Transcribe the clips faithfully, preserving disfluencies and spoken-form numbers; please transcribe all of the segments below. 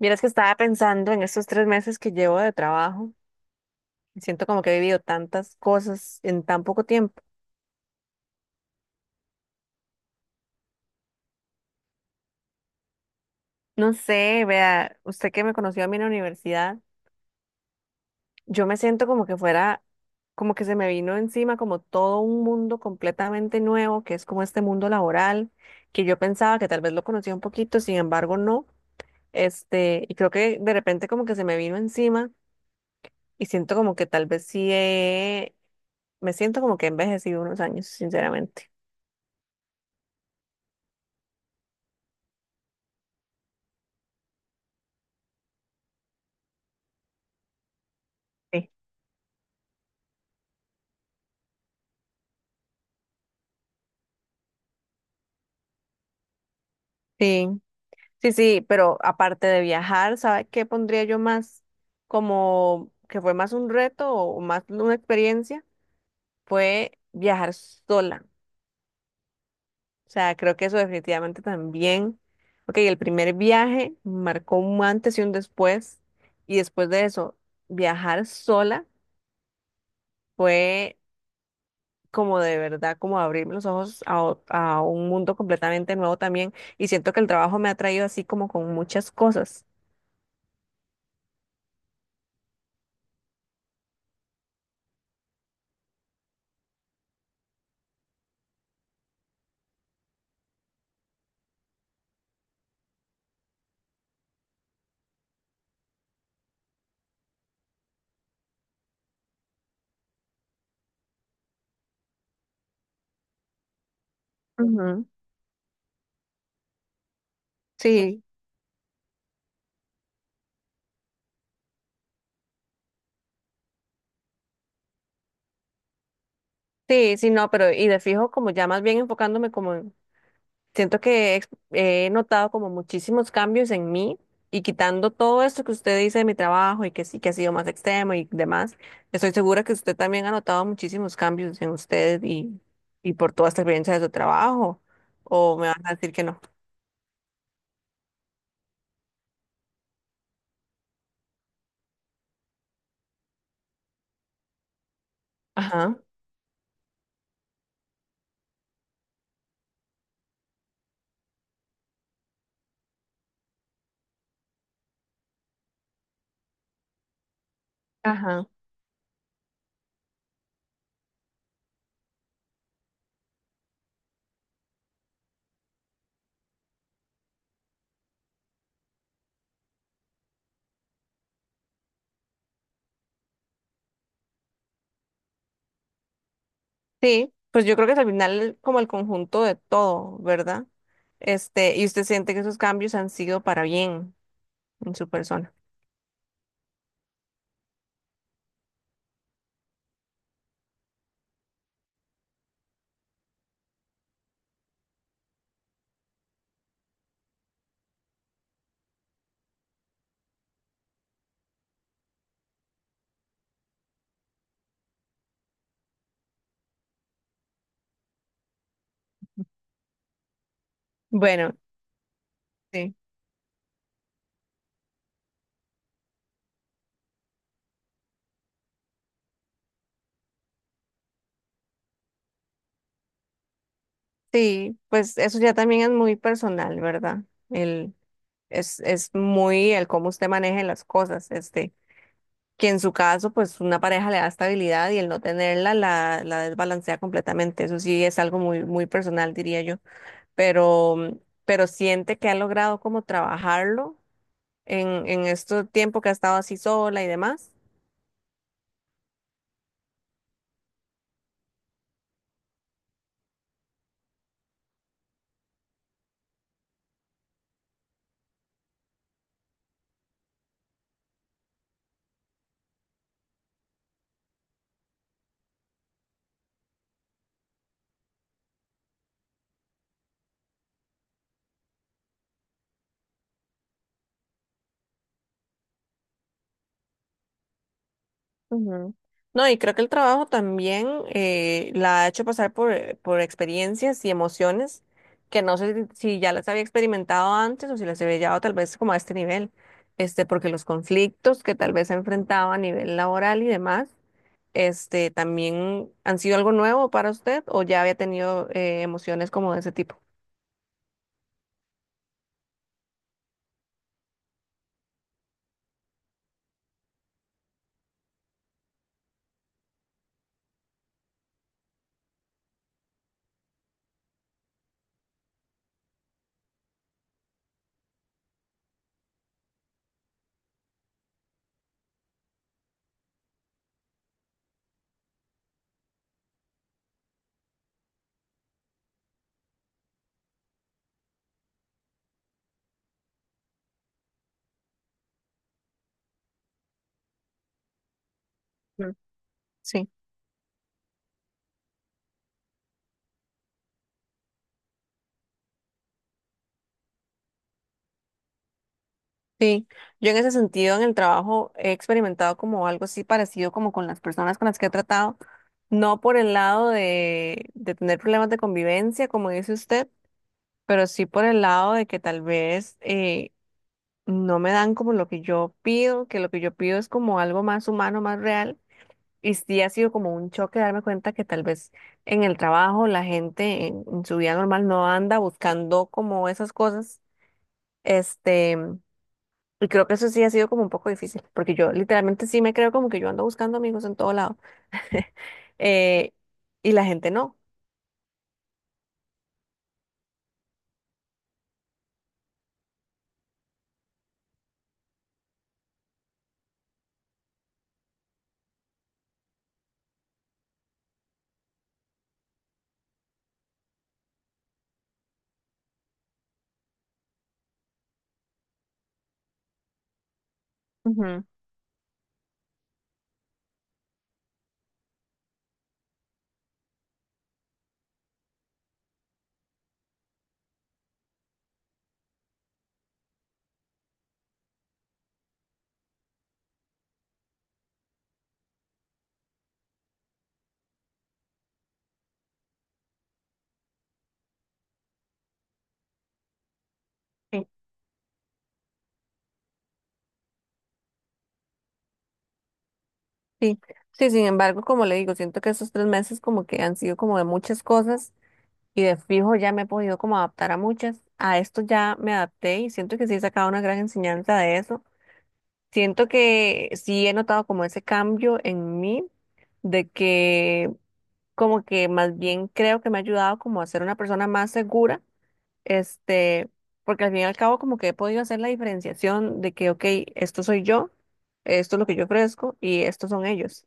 Vieras que estaba pensando en estos tres meses que llevo de trabajo. y siento como que he vivido tantas cosas en tan poco tiempo. No sé, vea, usted que me conoció a mí en la universidad, yo me siento como que fuera, como que se me vino encima como todo un mundo completamente nuevo, que es como este mundo laboral, que yo pensaba que tal vez lo conocía un poquito, sin embargo no. Este, y creo que de repente como que se me vino encima y siento como que tal vez sí he- me siento como que he envejecido unos años, sinceramente. Sí. Sí. Sí, sí, pero aparte de viajar, ¿sabe qué pondría yo más como que fue más un reto o más una experiencia? Fue viajar sola. O sea, creo que eso definitivamente también. Ok, el primer viaje marcó un antes y un después. Y después de eso, viajar sola fue como de verdad, como abrirme los ojos a, o- a un mundo completamente nuevo también. Y siento que el trabajo me ha traído así como con muchas cosas. Ujú. Sí. Sí, sí, no, pero y de fijo, como ya más bien enfocándome como, en- siento que ex- he notado como muchísimos cambios en mí y quitando todo esto que usted dice de mi trabajo y que sí, que ha sido más extremo y demás, estoy segura que usted también ha notado muchísimos cambios en usted y, y por toda esta experiencia de su trabajo, o me van a decir que no. Ajá, ajá. Sí, pues yo creo que es al final como el conjunto de todo, ¿verdad? Este, y usted siente que esos cambios han sido para bien en su persona. Bueno. Sí. Sí, pues eso ya también es muy personal, ¿verdad? El, es, es muy el cómo usted maneje las cosas, este, que en su caso, pues una pareja le da estabilidad y el no tenerla la, la desbalancea completamente. Eso sí es algo muy, muy personal, diría yo. Pero, mm, pero siente que ha logrado como trabajarlo en, en este tiempo que ha estado así sola y demás. Ujú. No, y creo que el trabajo también eh, la ha hecho pasar por, por experiencias y emociones que no sé si si ya las había experimentado antes o si las había llevado tal vez como a este nivel, este, porque los conflictos que tal vez ha enfrentado a nivel laboral y demás, este, también han sido algo nuevo para usted o ya había tenido eh, emociones como de ese tipo. Mm. Sí. Sí, yo en ese sentido en el trabajo he experimentado como algo así parecido como con las personas con las que he tratado, no por el lado de, de tener problemas de convivencia, como dice usted, pero sí por el lado de que tal vez eh, no me dan como lo que yo pido, que lo que yo pido es como algo más humano, más real, y sí ha sido como un choque darme cuenta que tal vez en el trabajo la gente en en su vida normal no anda buscando como esas cosas. Este, y creo que eso sí ha sido como un poco difícil, porque yo literalmente sí me creo como que yo ando buscando amigos en todo lado, eh, y la gente no. Ujú. Sí, sí. Sí, sin embargo, como le digo, siento que esos tres meses como que han sido como de muchas cosas y de fijo ya me he podido como adaptar a muchas. A esto ya me adapté y siento que sí he sacado una gran enseñanza de eso. Siento que sí he notado como ese cambio en mí de que como que más bien creo que me ha ayudado como a ser una persona más segura este, porque al fin y al cabo como que he podido hacer la diferenciación de que, ok, esto soy yo, esto es lo que yo ofrezco y estos son ellos.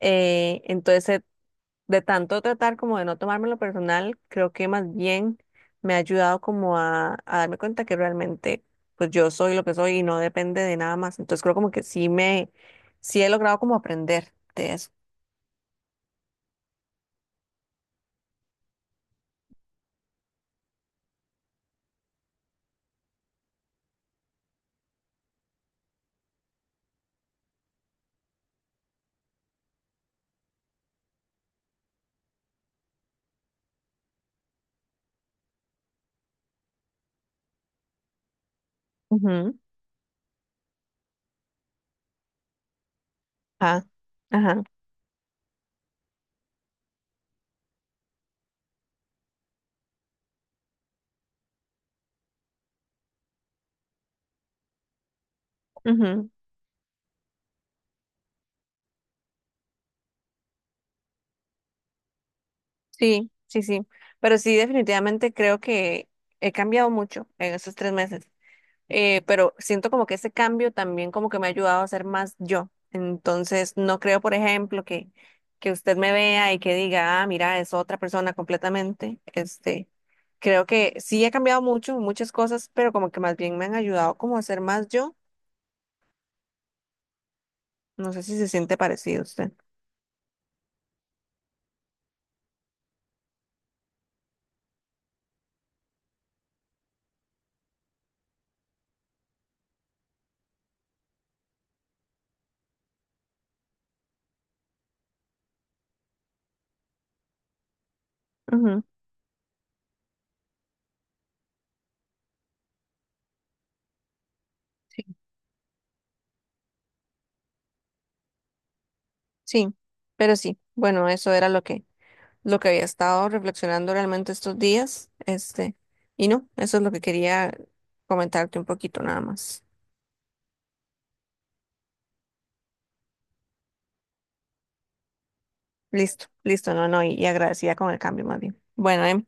Eh, entonces, eh, de tanto tratar como de no tomármelo personal, creo que más bien me ha ayudado como a, a darme cuenta que realmente pues yo soy lo que soy y no depende de nada más. Entonces creo como que sí me, sí he logrado como aprender de eso. Ujú. Ah, ajá, ujú. Sí, sí, sí. Pero sí, definitivamente creo que he cambiado mucho en esos tres meses. Eh, pero siento como que ese cambio también como que me ha ayudado a ser más yo. Entonces, no creo, por ejemplo, que, que usted me vea y que diga, ah, mira, es otra persona completamente. Este, creo que sí he cambiado mucho, muchas cosas, pero como que más bien me han ayudado como a ser más yo. No sé si se siente parecido a usted. Ujú. Sí, pero sí, bueno, eso era lo que, lo que había estado reflexionando realmente estos días, este, y no, eso es lo que quería comentarte un poquito nada más. Listo, listo, no, no, y, y agradecida con el cambio más bien. Bueno, em,